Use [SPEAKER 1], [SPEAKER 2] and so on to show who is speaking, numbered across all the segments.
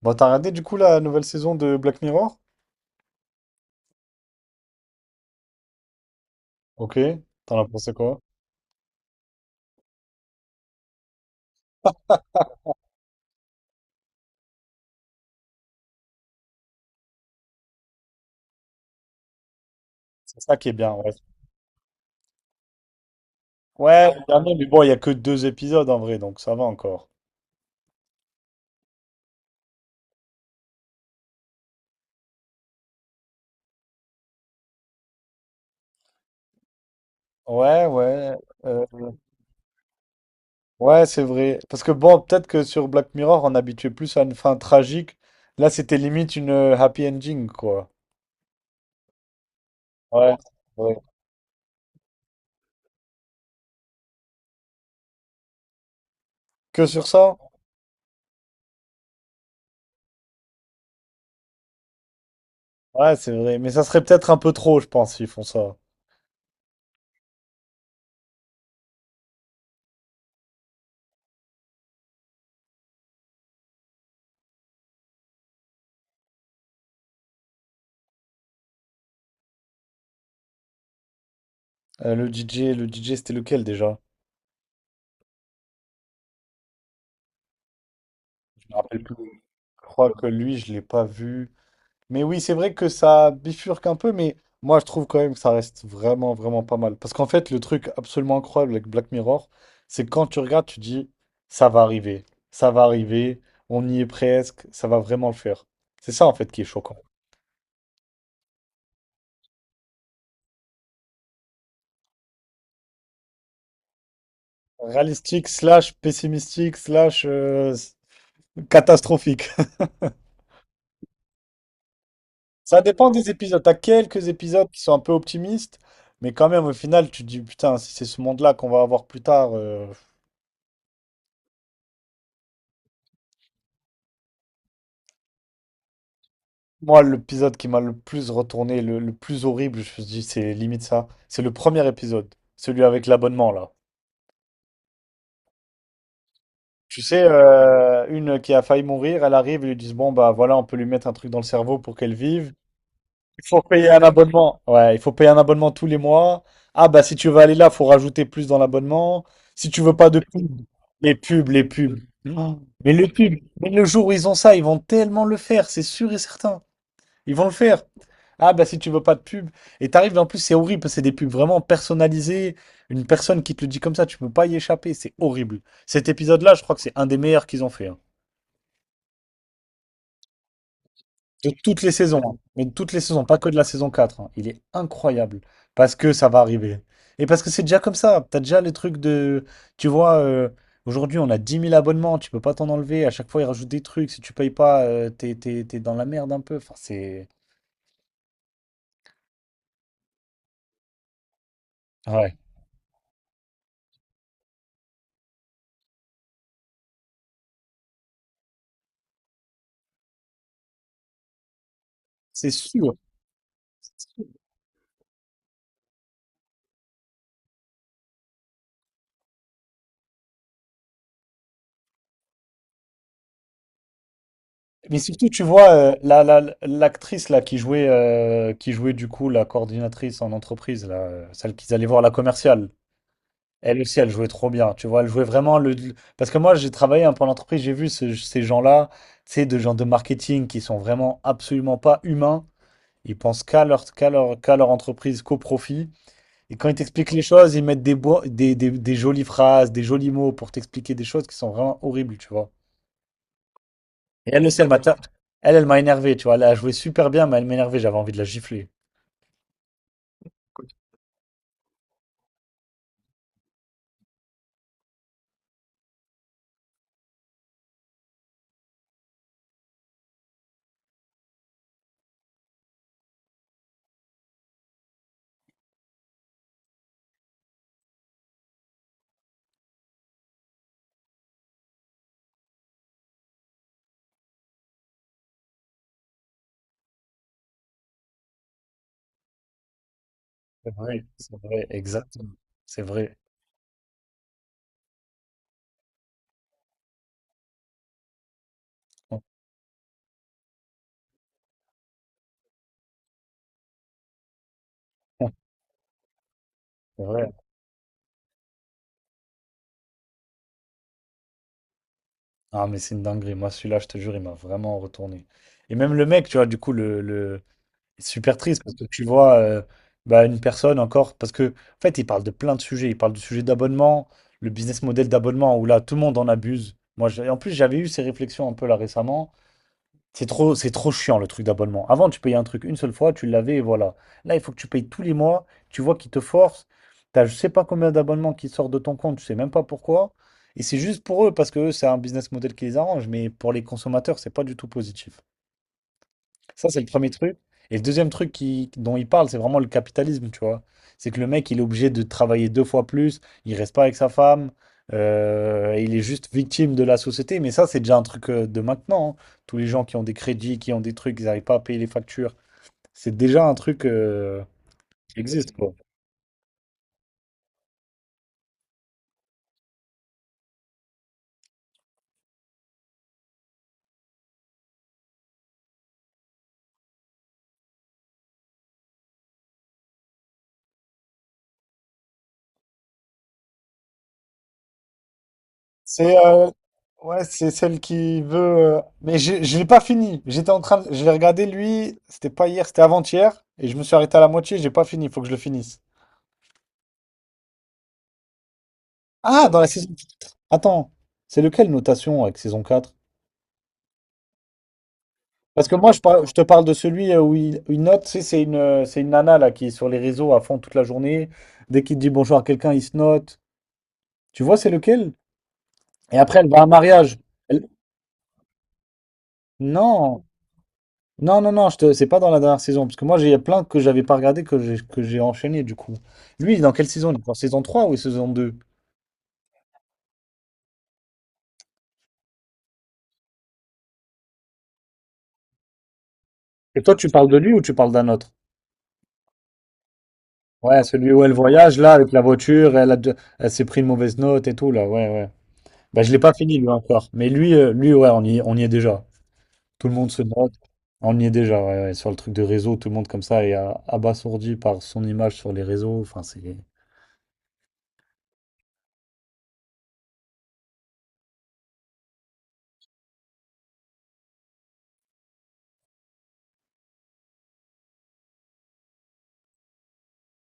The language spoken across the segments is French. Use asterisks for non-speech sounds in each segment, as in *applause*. [SPEAKER 1] Bon, t'as regardé du coup la nouvelle saison de Black Mirror? Ok, t'en as pensé quoi? C'est ça qui est bien, ouais. Ouais, le dernier, mais bon, il y a que deux épisodes en vrai, donc ça va encore. Ouais, ouais, euh, ouais, c'est vrai. Parce que bon, peut-être que sur Black Mirror, on habituait plus à une fin tragique. Là, c'était limite une happy ending, quoi. Ouais, ouais. Que sur ça? Ouais, c'est vrai. Mais ça serait peut-être un peu trop, je pense, s'ils font ça. Le DJ, le DJ, c'était lequel déjà? Je me rappelle plus. Je crois que lui, je l'ai pas vu. Mais oui, c'est vrai que ça bifurque un peu, mais moi, je trouve quand même que ça reste vraiment, vraiment pas mal. Parce qu'en fait, le truc absolument incroyable avec Black Mirror, c'est que quand tu regardes, tu dis, ça va arriver, ça va arriver, on y est presque, ça va vraiment le faire. C'est ça, en fait, qui est choquant. Réalistique, slash pessimistique, slash catastrophique. *laughs* Ça dépend des épisodes. T'as quelques épisodes qui sont un peu optimistes, mais quand même, au final, tu te dis, putain, si c'est ce monde-là qu'on va avoir plus tard. Moi, l'épisode qui m'a le plus retourné, le plus horrible, je me dis, c'est limite ça. C'est le premier épisode, celui avec l'abonnement, là. Tu sais, une qui a failli mourir, elle arrive, ils lui disent, bon, bah voilà, on peut lui mettre un truc dans le cerveau pour qu'elle vive. Il faut payer un abonnement. Ouais, il faut payer un abonnement tous les mois. Ah bah si tu veux aller là, faut rajouter plus dans l'abonnement. Si tu veux pas de pub, les pubs, les pubs. Oh, mais le pub, mais le jour où ils ont ça, ils vont tellement le faire, c'est sûr et certain. Ils vont le faire. Ah bah si tu veux pas de pub. Et t'arrives, en plus c'est horrible, parce que c'est des pubs vraiment personnalisées. Une personne qui te le dit comme ça, tu peux pas y échapper, c'est horrible. Cet épisode-là, je crois que c'est un des meilleurs qu'ils ont fait, hein. De toutes les saisons, hein, mais de toutes les saisons, pas que de la saison quatre, hein. Il est incroyable parce que ça va arriver. Et parce que c'est déjà comme ça. T'as déjà les trucs de. Tu vois, aujourd'hui, on a 10 000 abonnements, tu peux pas t'en enlever. À chaque fois, ils rajoutent des trucs. Si tu payes pas, t'es dans la merde un peu. Enfin, c'est. Ouais. C'est sûr. Mais surtout, tu vois, l'actrice là qui jouait du coup la coordinatrice en entreprise, là, celle qu'ils allaient voir, la commerciale. Elle aussi, elle jouait trop bien, tu vois, elle jouait vraiment le. Parce que moi, j'ai travaillé un peu en entreprise, j'ai vu ces gens-là, tu sais, de gens de marketing qui sont vraiment absolument pas humains, ils pensent qu'à leur entreprise, qu'au profit, et quand ils t'expliquent les choses, ils mettent des jolies phrases, des jolis mots pour t'expliquer des choses qui sont vraiment horribles, tu vois. Et elle aussi, elle m'a énervé, tu vois, elle a joué super bien, mais elle m'a énervé, j'avais envie de la gifler. C'est vrai, exactement, c'est vrai, *laughs* c'est vrai. Ah, mais c'est une dinguerie. Moi, celui-là, je te jure, il m'a vraiment retourné. Et même le mec, tu vois, du coup, le. C'est super triste parce que tu vois, bah, une personne encore. Parce que, en fait, il parle de plein de sujets. Il parle du sujet d'abonnement, le business model d'abonnement où là, tout le monde en abuse. En plus, j'avais eu ces réflexions un peu là récemment. C'est trop chiant le truc d'abonnement. Avant, tu payais un truc une seule fois, tu l'avais et voilà. Là, il faut que tu payes tous les mois. Tu vois qu'ils te forcent. T'as je sais pas combien d'abonnements qui sortent de ton compte, tu sais même pas pourquoi. Et c'est juste pour eux parce que eux, c'est un business model qui les arrange. Mais pour les consommateurs, c'est pas du tout positif. Ça, c'est le premier truc. Et le deuxième truc dont il parle, c'est vraiment le capitalisme, tu vois. C'est que le mec, il est obligé de travailler deux fois plus, il reste pas avec sa femme, il est juste victime de la société. Mais ça, c'est déjà un truc de maintenant, hein. Tous les gens qui ont des crédits, qui ont des trucs, ils n'arrivent pas à payer les factures. C'est déjà un truc qui existe, quoi. C'est ouais, c'est celle qui veut. Mais je l'ai pas fini. J'étais en train de... Je l'ai regardé lui. C'était pas hier, c'était avant-hier. Et je me suis arrêté à la moitié. J'ai pas fini. Il faut que je le finisse. Ah, dans la saison 4. Attends, c'est lequel notation avec saison quatre? Parce que moi, je te parle de celui où il note, tu sais, c'est une nana là qui est sur les réseaux à fond toute la journée. Dès qu'il dit bonjour à quelqu'un, il se note. Tu vois, c'est lequel? Et après, elle va à un mariage. Elle- Non, non, non, non, je te... c'est pas dans la dernière saison. Parce que moi, j'ai plein que j'avais pas regardé que j'ai enchaîné du coup. Lui, il est dans quelle saison? Il est dans saison 3 ou saison deux? Et toi, tu parles de lui ou tu parles d'un autre? Ouais, celui où elle voyage, là, avec la voiture, elle s'est pris une mauvaise note et tout, là, ouais, ouais. Bah, je l'ai pas fini, lui, encore. Mais lui, lui, ouais, on y est déjà. Tout le monde se note. On y est déjà, ouais, ouais. Sur le truc de réseau, tout le monde, comme ça, est abasourdi par son image sur les réseaux. Enfin, c'est...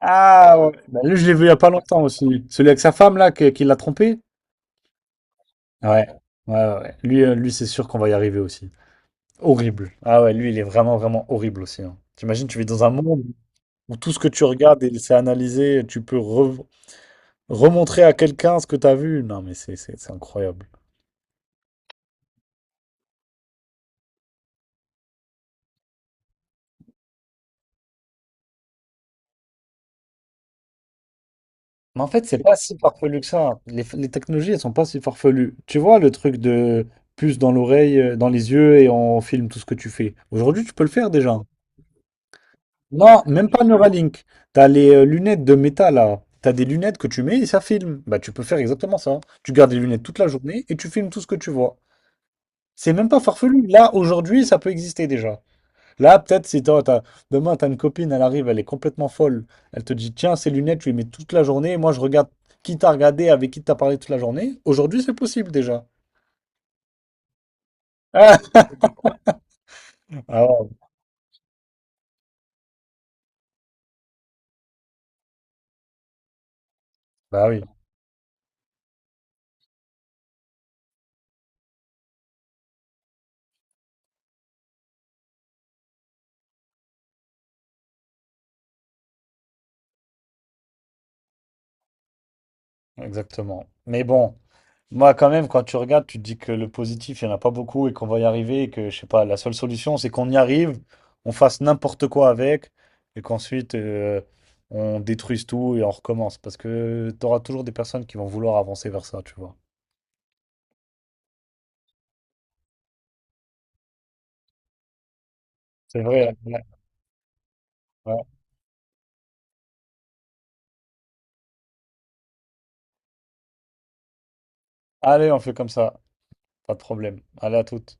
[SPEAKER 1] Ah, ouais. Bah, lui, je l'ai vu il y a pas longtemps aussi. Celui avec sa femme, là, qui l'a trompé. Ouais, ouais, ouais, ouais. Lui, lui, c'est sûr qu'on va y arriver aussi. Horrible. Ah ouais, lui, il est vraiment, vraiment horrible aussi, hein. T'imagines, tu vis dans un monde. Où tout ce que tu regardes et c'est analysé, tu peux remontrer à quelqu'un ce que tu as vu. Non, mais c'est incroyable. Mais en fait, c'est pas si farfelu que ça. Les technologies, elles sont pas si farfelues. Tu vois, le truc de puce dans l'oreille, dans les yeux, et on filme tout ce que tu fais. Aujourd'hui, tu peux le faire déjà. Non, même pas Neuralink. T'as les lunettes de métal, là. T'as des lunettes que tu mets et ça filme. Bah, tu peux faire exactement ça. Tu gardes les lunettes toute la journée et tu filmes tout ce que tu vois. C'est même pas farfelu. Là, aujourd'hui, ça peut exister déjà. Là, peut-être si toi, demain, t'as une copine, elle arrive, elle est complètement folle. Elle te dit, tiens, ces lunettes, tu les mets toute la journée. Et moi, je regarde qui t'a regardé, avec qui t'as parlé toute la journée. Aujourd'hui, c'est possible déjà. Ah, *laughs* ah ouais, bah oui, exactement. Mais bon, moi, quand même, quand tu regardes, tu te dis que le positif, il n'y en a pas beaucoup et qu'on va y arriver et que, je sais pas, la seule solution, c'est qu'on y arrive, on fasse n'importe quoi avec et qu'ensuite, on détruise tout et on recommence. Parce que tu auras toujours des personnes qui vont vouloir avancer vers ça, tu vois. C'est vrai, ouais. Ouais. Allez, on fait comme ça. Pas de problème. Allez, à toutes.